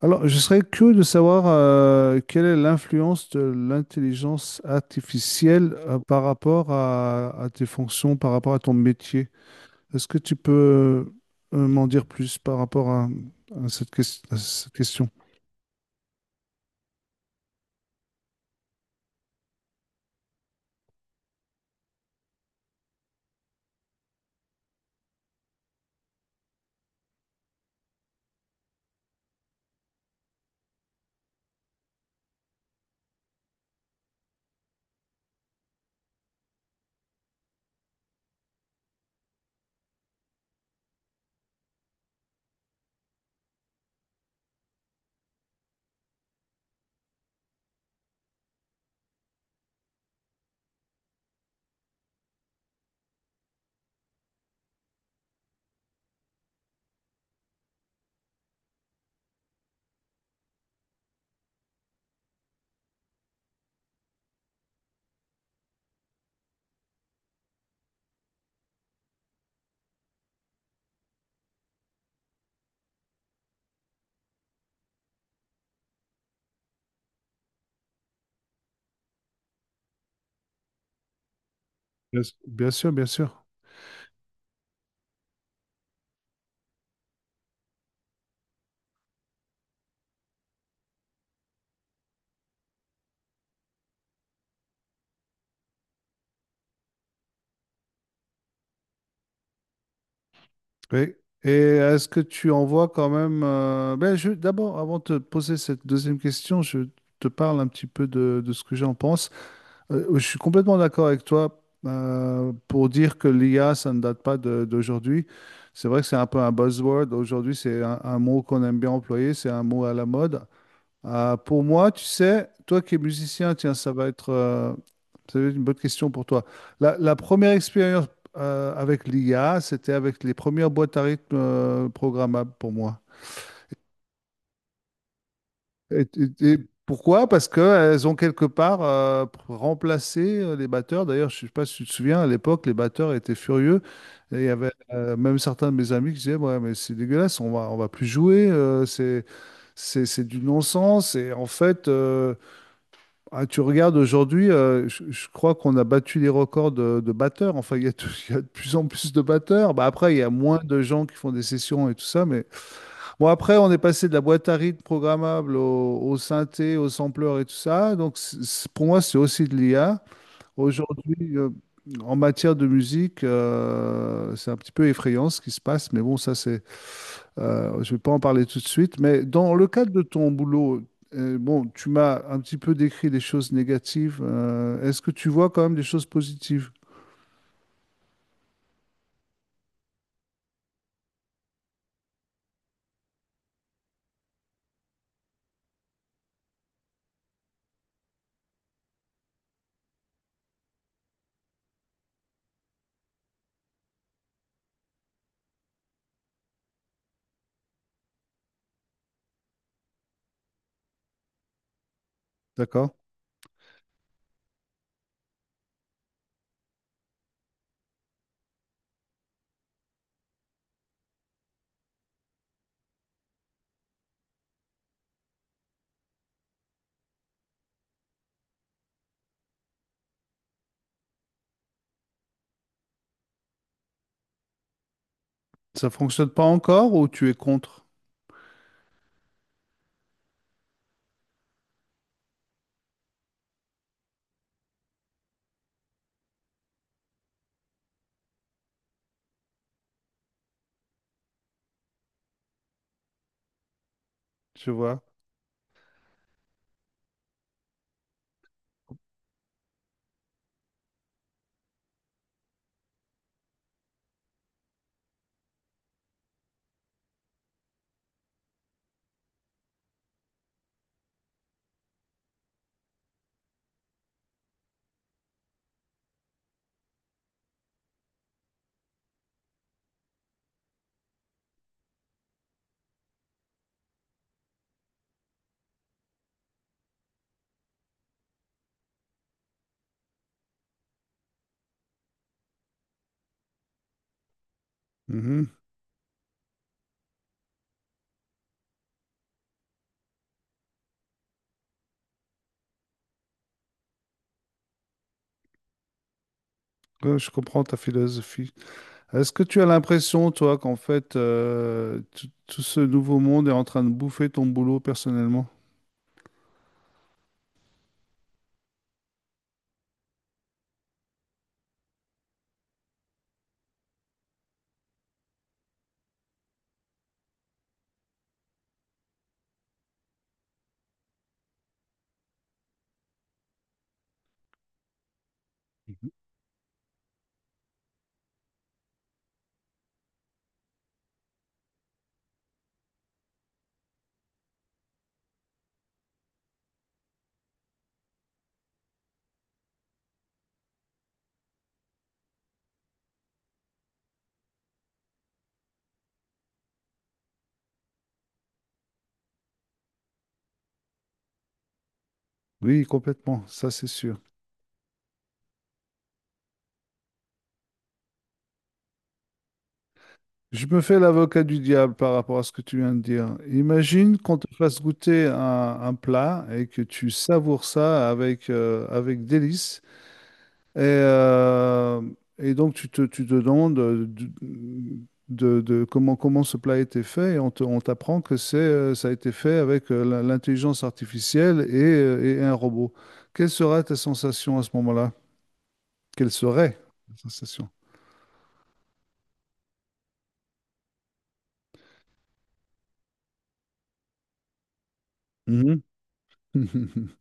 Alors, je serais curieux de savoir quelle est l'influence de l'intelligence artificielle par rapport à tes fonctions, par rapport à ton métier. Est-ce que tu peux m'en dire plus par rapport à cette question? Bien sûr, bien sûr. Oui. Et est-ce que tu en vois quand même... D'abord, avant de te poser cette deuxième question, je te parle un petit peu de ce que j'en pense. Je suis complètement d'accord avec toi pour dire que l'IA, ça ne date pas d'aujourd'hui. C'est vrai que c'est un peu un buzzword. Aujourd'hui, c'est un mot qu'on aime bien employer, c'est un mot à la mode. Pour moi, tu sais, toi qui es musicien, tiens, ça va être une bonne question pour toi. La première expérience avec l'IA, c'était avec les premières boîtes à rythme programmables pour moi. Et, et pourquoi? Parce qu'elles ont quelque part remplacé les batteurs. D'ailleurs, je ne sais pas si tu te souviens, à l'époque, les batteurs étaient furieux. Et il y avait même certains de mes amis qui disaient, ouais, mais c'est dégueulasse, on va plus jouer, c'est du non-sens. Et en fait, ah, tu regardes aujourd'hui, je crois qu'on a battu les records de batteurs. Enfin, il y a, tout- il y a de plus en plus de batteurs. Bah, après, il y a moins de gens qui font des sessions et tout ça, mais bon, après, on est passé de la boîte à rythme programmable au synthé, au sampler et tout ça. Donc, pour moi, c'est aussi de l'IA. Aujourd'hui, en matière de musique, c'est un petit peu effrayant ce qui se passe. Mais bon, je vais pas en parler tout de suite. Mais dans le cadre de ton boulot, bon, tu m'as un petit peu décrit des choses négatives. Est-ce que tu vois quand même des choses positives? D'accord? Ça fonctionne pas encore ou tu es contre? Tu vois? Mhm. Ouais, je comprends ta philosophie. Est-ce que tu as l'impression, toi, qu'en fait, tout ce nouveau monde est en train de bouffer ton boulot personnellement? Mhm. Oui, complètement, ça c'est sûr. Je me fais l'avocat du diable par rapport à ce que tu viens de dire. Imagine qu'on te fasse goûter un plat et que tu savoures ça avec délice. Et, euh, et donc, tu te demandes de comment, comment ce plat a été fait, et on t'apprend que c'est, ça a été fait avec l'intelligence artificielle et un robot. Quelle sera ta sensation à ce moment-là? Quelle serait ta sensation? Mhm.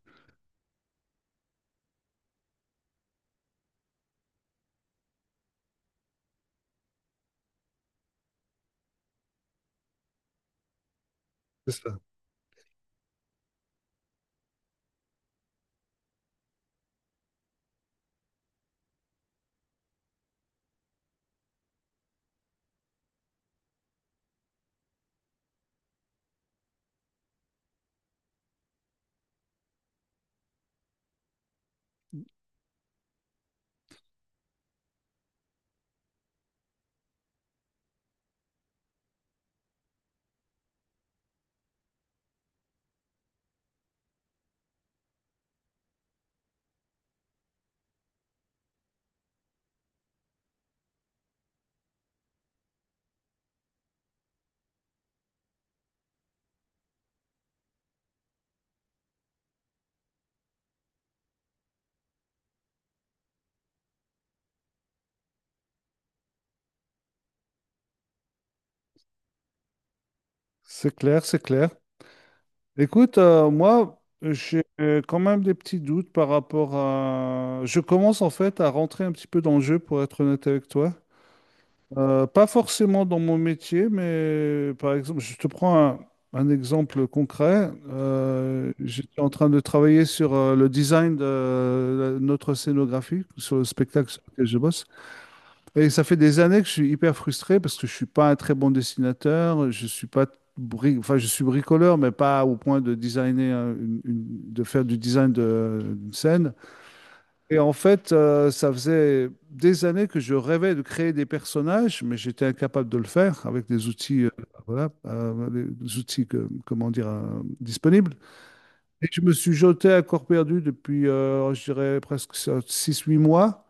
C'est ça. C'est clair, c'est clair. Écoute, moi, j'ai quand même des petits doutes par rapport à... Je commence en fait à rentrer un petit peu dans le jeu, pour être honnête avec toi. Pas forcément dans mon métier, mais par exemple, je te prends un exemple concret. J'étais en train de travailler sur le design de notre scénographie, sur le spectacle sur lequel je bosse. Et ça fait des années que je suis hyper frustré parce que je suis pas un très bon dessinateur, je suis pas bri- enfin, je suis bricoleur, mais pas au point de designer, de faire du design d'une scène. Et en fait, ça faisait des années que je rêvais de créer des personnages, mais j'étais incapable de le faire avec des outils, voilà, des outils comment dire, disponibles. Et je me suis jeté à corps perdu depuis, je dirais, presque six-huit mois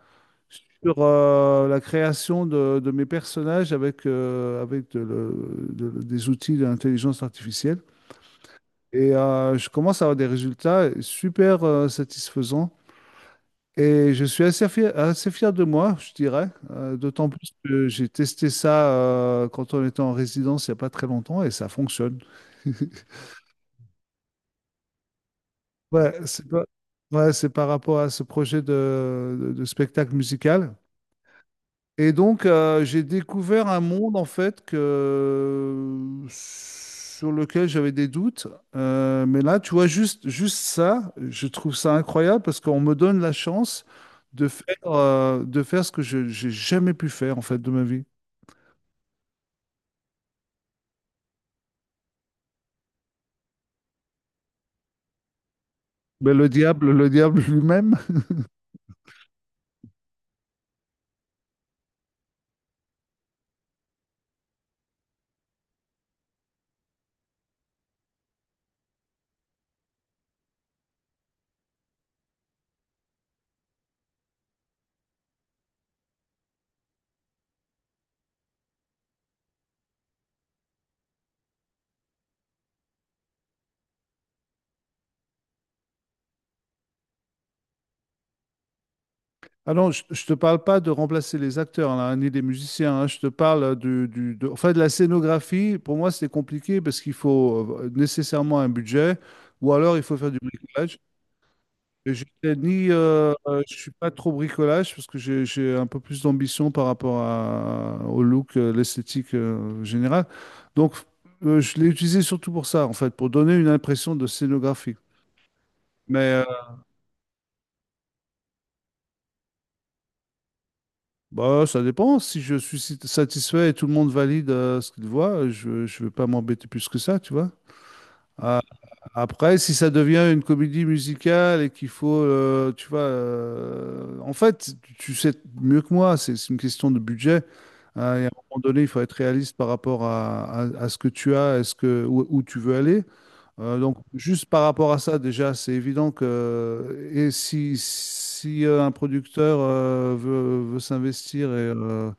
sur la création de mes personnages avec de des outils d'intelligence artificielle. Et je commence à avoir des résultats super satisfaisants. Et je suis assez fier de moi, je dirais, d'autant plus que j'ai testé ça quand on était en résidence il n'y a pas très longtemps et ça fonctionne. Ouais, c'est pas- ouais, c'est par rapport à ce projet de spectacle musical. Et donc, j'ai découvert un monde, en fait, que... sur lequel j'avais des doutes. Mais là, tu vois, juste, juste ça, je trouve ça incroyable parce qu'on me donne la chance de faire ce que je j'ai jamais pu faire, en fait, de ma vie. Mais le diable lui-même. Ah non, je te parle pas de remplacer les acteurs, là, ni des musiciens, hein. Je te parle enfin, de la scénographie. Pour moi, c'est compliqué parce qu'il faut nécessairement un budget ou alors il faut faire du bricolage. Et je t'ai ni, je suis pas trop bricolage parce que j'ai un peu plus d'ambition par rapport au look, l'esthétique générale. Donc, je l'ai utilisé surtout pour ça, en fait, pour donner une impression de scénographie. Mais euh, Bah, ça dépend. Si je suis satisfait et tout le monde valide ce qu'il voit, je ne vais pas m'embêter plus que ça, tu vois. Ah, après, si ça devient une comédie musicale et qu'il faut, tu vois, en fait, tu sais mieux que moi, c'est une question de budget. Hein, et à un moment donné, il faut être réaliste par rapport à ce que tu as, est ce que, où, où tu veux aller. Donc, juste par rapport à ça, déjà, c'est évident que si un producteur veut s'investir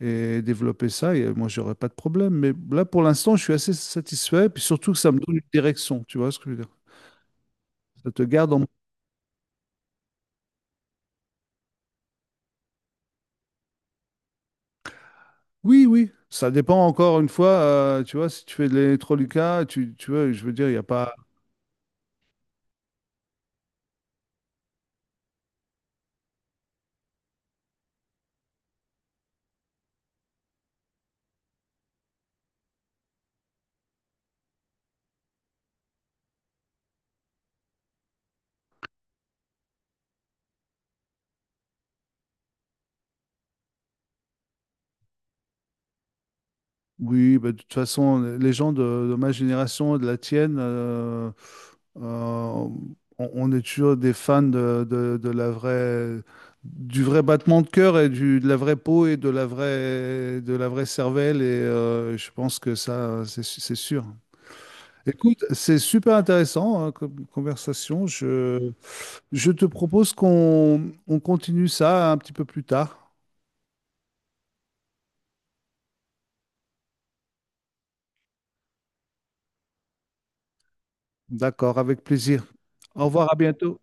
et développer ça, et moi, j'aurais pas de problème. Mais là, pour l'instant, je suis assez satisfait, puis surtout que ça me donne une direction, tu vois ce que je veux dire? Ça te garde en... Oui, oui, ça dépend encore une fois, tu vois, si tu fais de l'électroluca, tu vois, je veux dire, il n'y a pas... Oui, bah, de toute façon, les gens de ma génération, de la tienne... on est toujours des fans de la vraie, du vrai battement de cœur et de la vraie peau et de la vraie cervelle. Et je pense que ça, c'est sûr. Écoute, c'est super intéressant hein, comme conversation. Je te propose qu'on continue ça un petit peu plus tard. D'accord, avec plaisir. Au revoir, à bientôt.